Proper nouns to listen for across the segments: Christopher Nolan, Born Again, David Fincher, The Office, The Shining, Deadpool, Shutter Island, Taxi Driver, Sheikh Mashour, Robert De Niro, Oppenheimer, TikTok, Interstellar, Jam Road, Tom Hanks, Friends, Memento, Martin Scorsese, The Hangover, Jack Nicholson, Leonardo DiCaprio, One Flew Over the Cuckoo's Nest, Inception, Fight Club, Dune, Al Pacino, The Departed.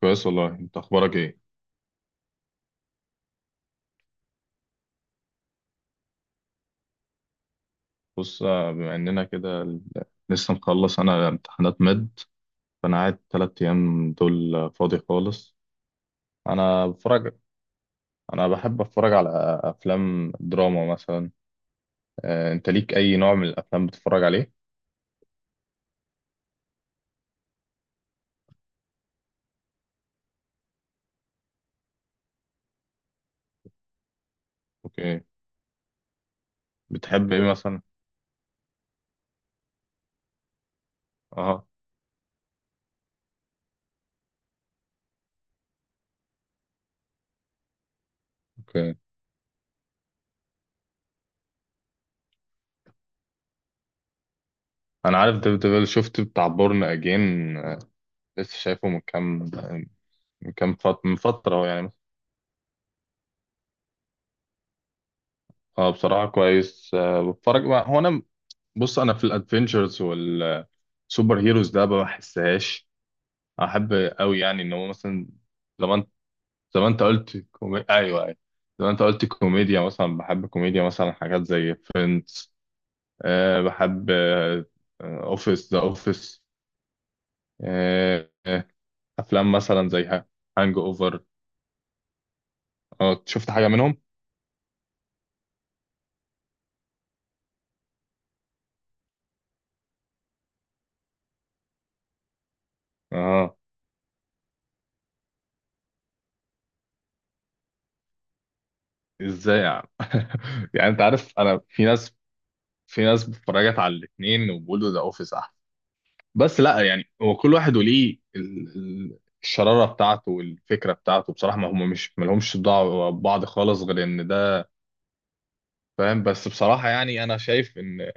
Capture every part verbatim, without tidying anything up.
كويس والله، انت اخبارك ايه؟ بص، آه، بما اننا كده ال- لسه مخلص انا امتحانات مد. فانا قاعد تلات ايام دول، آه، فاضي خالص. انا بتفرج، انا بحب اتفرج على افلام دراما مثلا. آه، انت ليك اي نوع من الافلام بتتفرج عليه؟ اوكي، بتحب ايه مثلا؟ اه، اوكي. انا عارف ديفيد ديفل، شفت بتاع بورن اجين. لسه شايفه من كام، من كام فت... من فتره يعني. اه بصراحه كويس. آه، بتفرج هو انا. بص انا في الادفنتشرز سوبر هيروز ده ما بحسهاش احب قوي يعني ان هو مثلا. زمان، زمان انت قلت كومي... ايوه، ايوه، زمان انت قلت كوميديا مثلا، بحب كوميديا مثلا، حاجات زي فريندز. أه بحب اوفيس، ذا اوفيس. أه آه، افلام مثلا زي هانج اوفر. اه، شفت حاجه منهم؟ اه، ازاي يعني؟ يعني انت عارف، انا في ناس، في ناس اتفرجت على الاثنين وبيقولوا ذا اوفيس، بس لا. يعني هو كل واحد وليه ال- ال- الشرارة بتاعته والفكرة بتاعته بصراحة، ما هم مش ما لهمش دعوة ببعض خالص غير ان ده. فاهم؟ بس بصراحة يعني انا شايف ان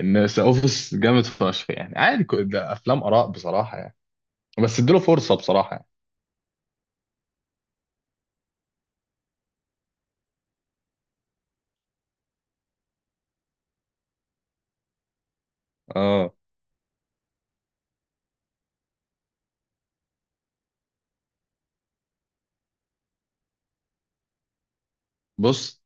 ان ذا اوفيس جامد فشخ يعني عادي، كو- ده افلام اراء بصراحة يعني. بس اديله فرصة بصراحة يعني. اه، بص.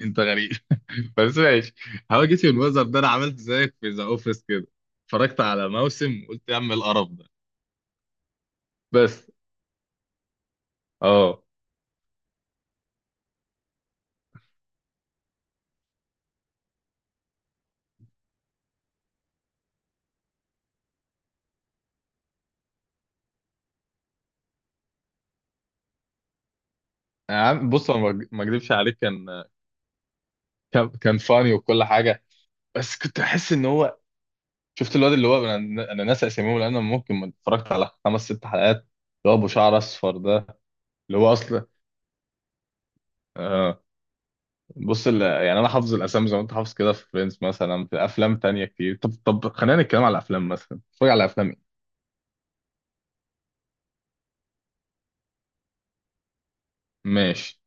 انت غريب بس ماشي. هواجسي الوزر ده، انا عملت زيك في ذا اوفيس كده. اتفرجت على موسم وقلت يا عم القرف ده. بس. اه، يا عم بص، انا ما ما اكذبش عليك، كان كان كان فاني وكل حاجه. بس كنت احس ان هو، شفت الواد اللي هو، انا انا ناسي اساميهم لان انا ممكن ما اتفرجت على خمس ست حلقات، اللي هو ابو شعر اصفر ده. اللي هو اصلا، آه بص، ال- يعني انا حافظ الاسامي زي ما انت حافظ كده في فريندز مثلا. في افلام تانية كتير، طب طب خلينا نتكلم على الافلام. مثلا اتفرج على افلام ايه؟ ماشي.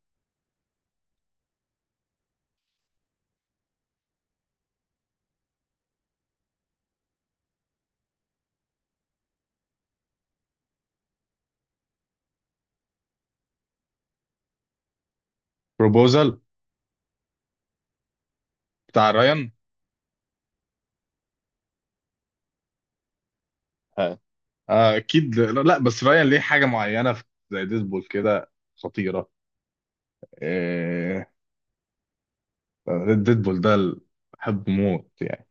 بروبوزال بتاع رايان. آه. آه، اكيد. لا لا، بس رايان ليه حاجه معينه في- زي ديدبول كده. خطيره. آه، ديدبول ده ال- بحبه موت يعني.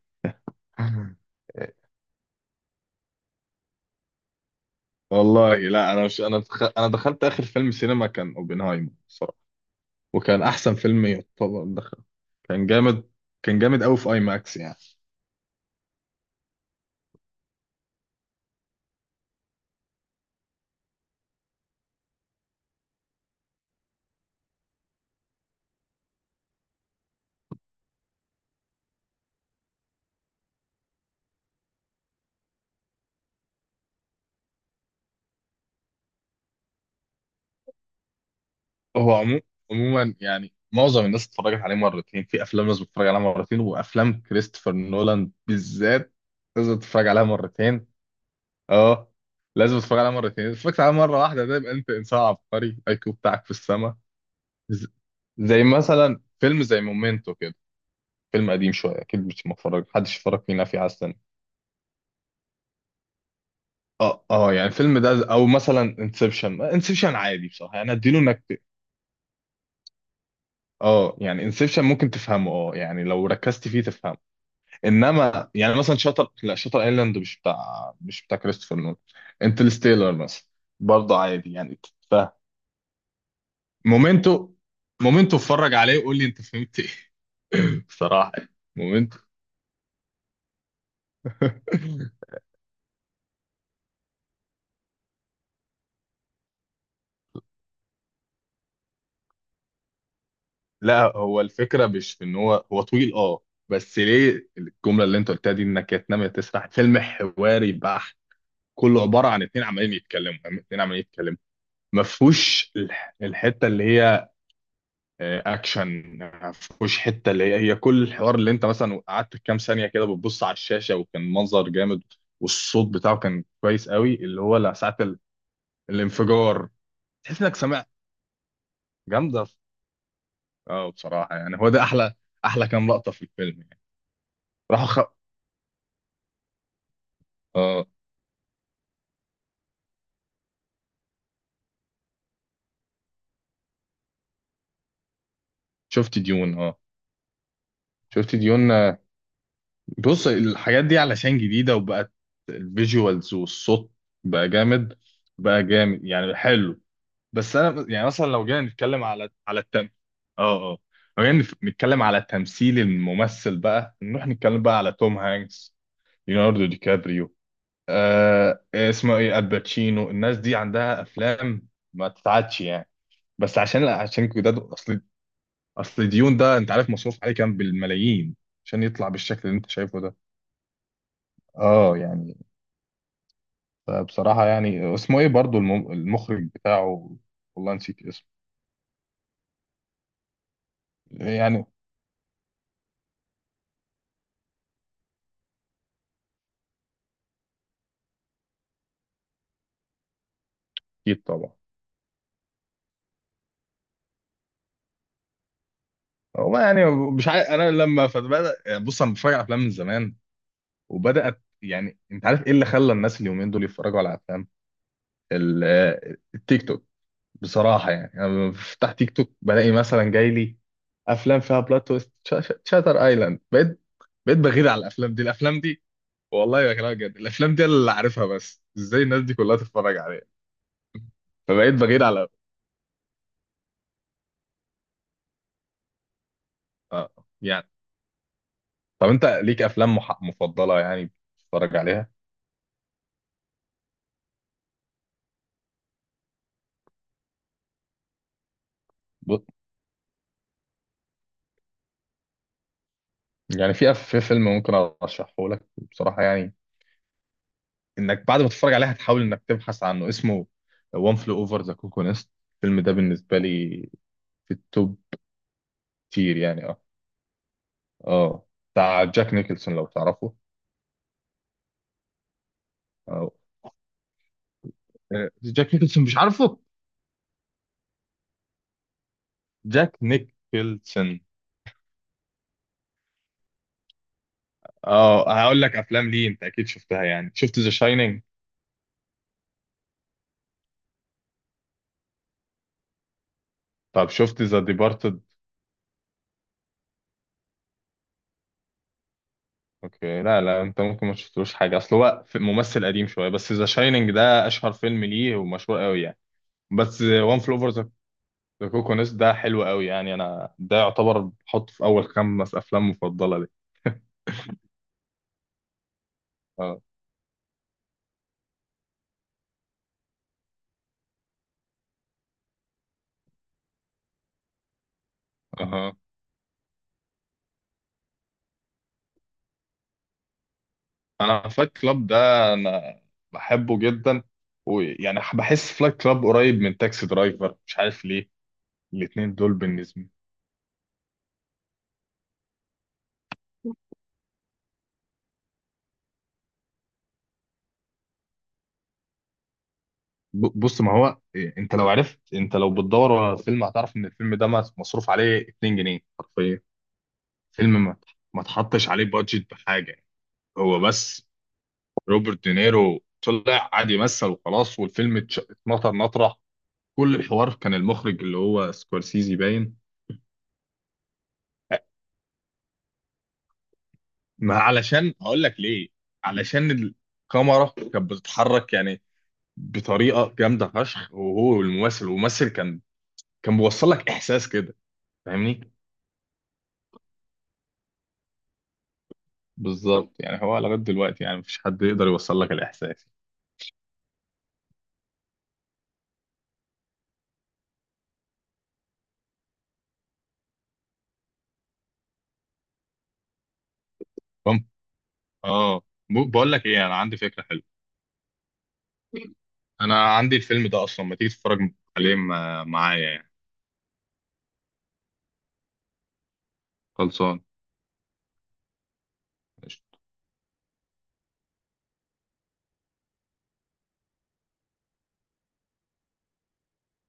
والله لا، انا مش انا دخ... انا دخلت اخر فيلم سينما كان اوبنهايمر الصراحه. وكان احسن فيلم يعتبر دخل. كان جامد. كان جامد قوي في اي ماكس يعني. هو عمو... عموما يعني معظم الناس اتفرجت عليه مرتين. في افلام لازم تتفرج عليها مرتين، وافلام كريستوفر نولان بالذات لازم تتفرج عليها مرتين. اه، لازم تتفرج عليها مرتين. اتفرجت عليها مره واحده ده يبقى انت انسان عبقري، الاي كيو بتاعك في السما. ز- زي مثلا فيلم زي مومنتو كده. فيلم قديم شويه، اكيد مش متفرج محدش اتفرج فينا فيه على السنه. اه اه يعني الفيلم ده، او مثلا انسبشن. انسبشن عادي بصراحه يعني، اديله انك. اه يعني انسبشن ممكن تفهمه، اه يعني لو ركزت فيه تفهمه. انما يعني مثلا شاتر، لا، شاتر ايلاند مش بتاع، مش بتاع كريستوفر نولان. انترستيلر مثلا برضه عادي يعني تتفهم. مومنتو، مومنتو اتفرج عليه وقول لي انت فهمت ايه. بصراحه يعني، مومنتو. لا، هو الفكرة مش في ان هو هو طويل اه. بس ليه الجملة اللي انت قلتها دي انك يا تنام يا تسرح؟ فيلم حواري بحت، كله عبارة عن اتنين عمالين يتكلموا عم- اتنين عمالين يتكلموا ما فيهوش الح- الحتة اللي هي آه، اكشن. ما فيهوش حتة اللي هي هي كل الحوار. اللي انت مثلا قعدت كام ثانية كده بتبص على الشاشة وكان منظر جامد. والصوت بتاعه كان كويس قوي، اللي هو لا ساعة ال- الانفجار، تحس انك سمعت. جامدة. اه بصراحة يعني هو ده احلى، احلى كام لقطة في الفيلم يعني. راحوا. اه، شفت ديون. اه، شفت ديون آه، بص الحاجات دي علشان جديدة، وبقت الفيجوالز والصوت بقى جامد بقى جامد يعني حلو. بس انا يعني مثلا لو جينا نتكلم على على التم، اه اه لو جينا نف- نتكلم على تمثيل الممثل. بقى نروح نتكلم بقى على توم هانكس، ليوناردو دي كابريو. آه آه، اسمه ايه، الباتشينو. الناس دي عندها افلام ما تتعادش يعني. بس عشان عشان جداد. اصل ديون ده، انت عارف مصروف عليه كام؟ بالملايين. عشان يطلع بالشكل اللي انت شايفه ده. اه يعني، بصراحة يعني اسمه ايه برضو الم- المخرج بتاعه. والله نسيت اسمه. يعني اكيد طبعا. هو يعني مش عارف، انا لما فبدأ، بص انا بتفرج على افلام من زمان. وبدأت يعني، انت عارف ايه اللي خلى الناس اليومين دول يتفرجوا على افلام؟ ال- آه، التيك توك. بصراحة يعني انا بفتح تيك توك بلاقي مثلا جاي لي افلام فيها بلوت تويست، شاتر ايلاند. بقيت بقيت بغير على الافلام دي، الافلام دي. والله بكلمك جد، الافلام دي أنا اللي عارفها، بس ازاي الناس دي كلها تتفرج عليها؟ فبقيت بغير على. آه. يعني طب انت ليك افلام مح... مفضله يعني بتتفرج عليها؟ بص، يعني في أف- في فيلم ممكن ارشحه لك بصراحه يعني، انك بعد ما تتفرج عليه هتحاول انك تبحث عنه. اسمه وان فلو اوفر ذا كوكو نست. الفيلم ده بالنسبه لي في التوب تير يعني. اه، اه، بتاع جاك نيكلسون لو تعرفه. أو. آه، جاك نيكلسون مش عارفه؟ جاك نيكلسون. اه، هقول لك افلام ليه انت اكيد شفتها. يعني شفت ذا شاينينج؟ طب شفت ذا ديبارتد؟ اوكي. لا لا، انت ممكن ما شفتلوش حاجه، اصل هو في- ممثل قديم شويه، بس ذا شاينينج ده اشهر فيلم ليه ومشهور قوي يعني. بس وان فل اوفر ذا كوكونس ده حلو قوي يعني، انا ده يعتبر بحطه في اول خمس افلام مفضله لي. اه، اها. انا فلايت كلاب ده انا بحبه جدا، ويعني بحس فلايت كلاب قريب من تاكسي درايفر، مش عارف ليه. الاتنين دول بالنسبه. ب- بص، ما هو إيه. انت لو عرفت انت لو بتدور على الفيلم هتعرف ان الفيلم ده مس- مصروف عليه اتنين جنيه حرفيا. فيلم، ما ما تحطش عليه بادجت بحاجه. هو بس، روبرت دينيرو طلع قعد يمثل وخلاص، والفيلم اتش- اتنطر نطره. كل الحوار كان المخرج اللي هو سكورسيزي باين. ما علشان هقول لك ليه. علشان الكاميرا كانت بتتحرك يعني بطريقه جامده فشخ، وهو الممثل. والممثل كان كان بيوصل لك احساس كده، فاهمني؟ بالظبط يعني، هو لغايه دلوقتي يعني مفيش حد يقدر يوصل لك الاحساس. فاهم. اه، ب- بقول لك ايه، انا عندي فكره حلوه. انا عندي الفيلم ده اصلا، ما تيجي تتفرج عليه م- معايا يعني؟ خلصان.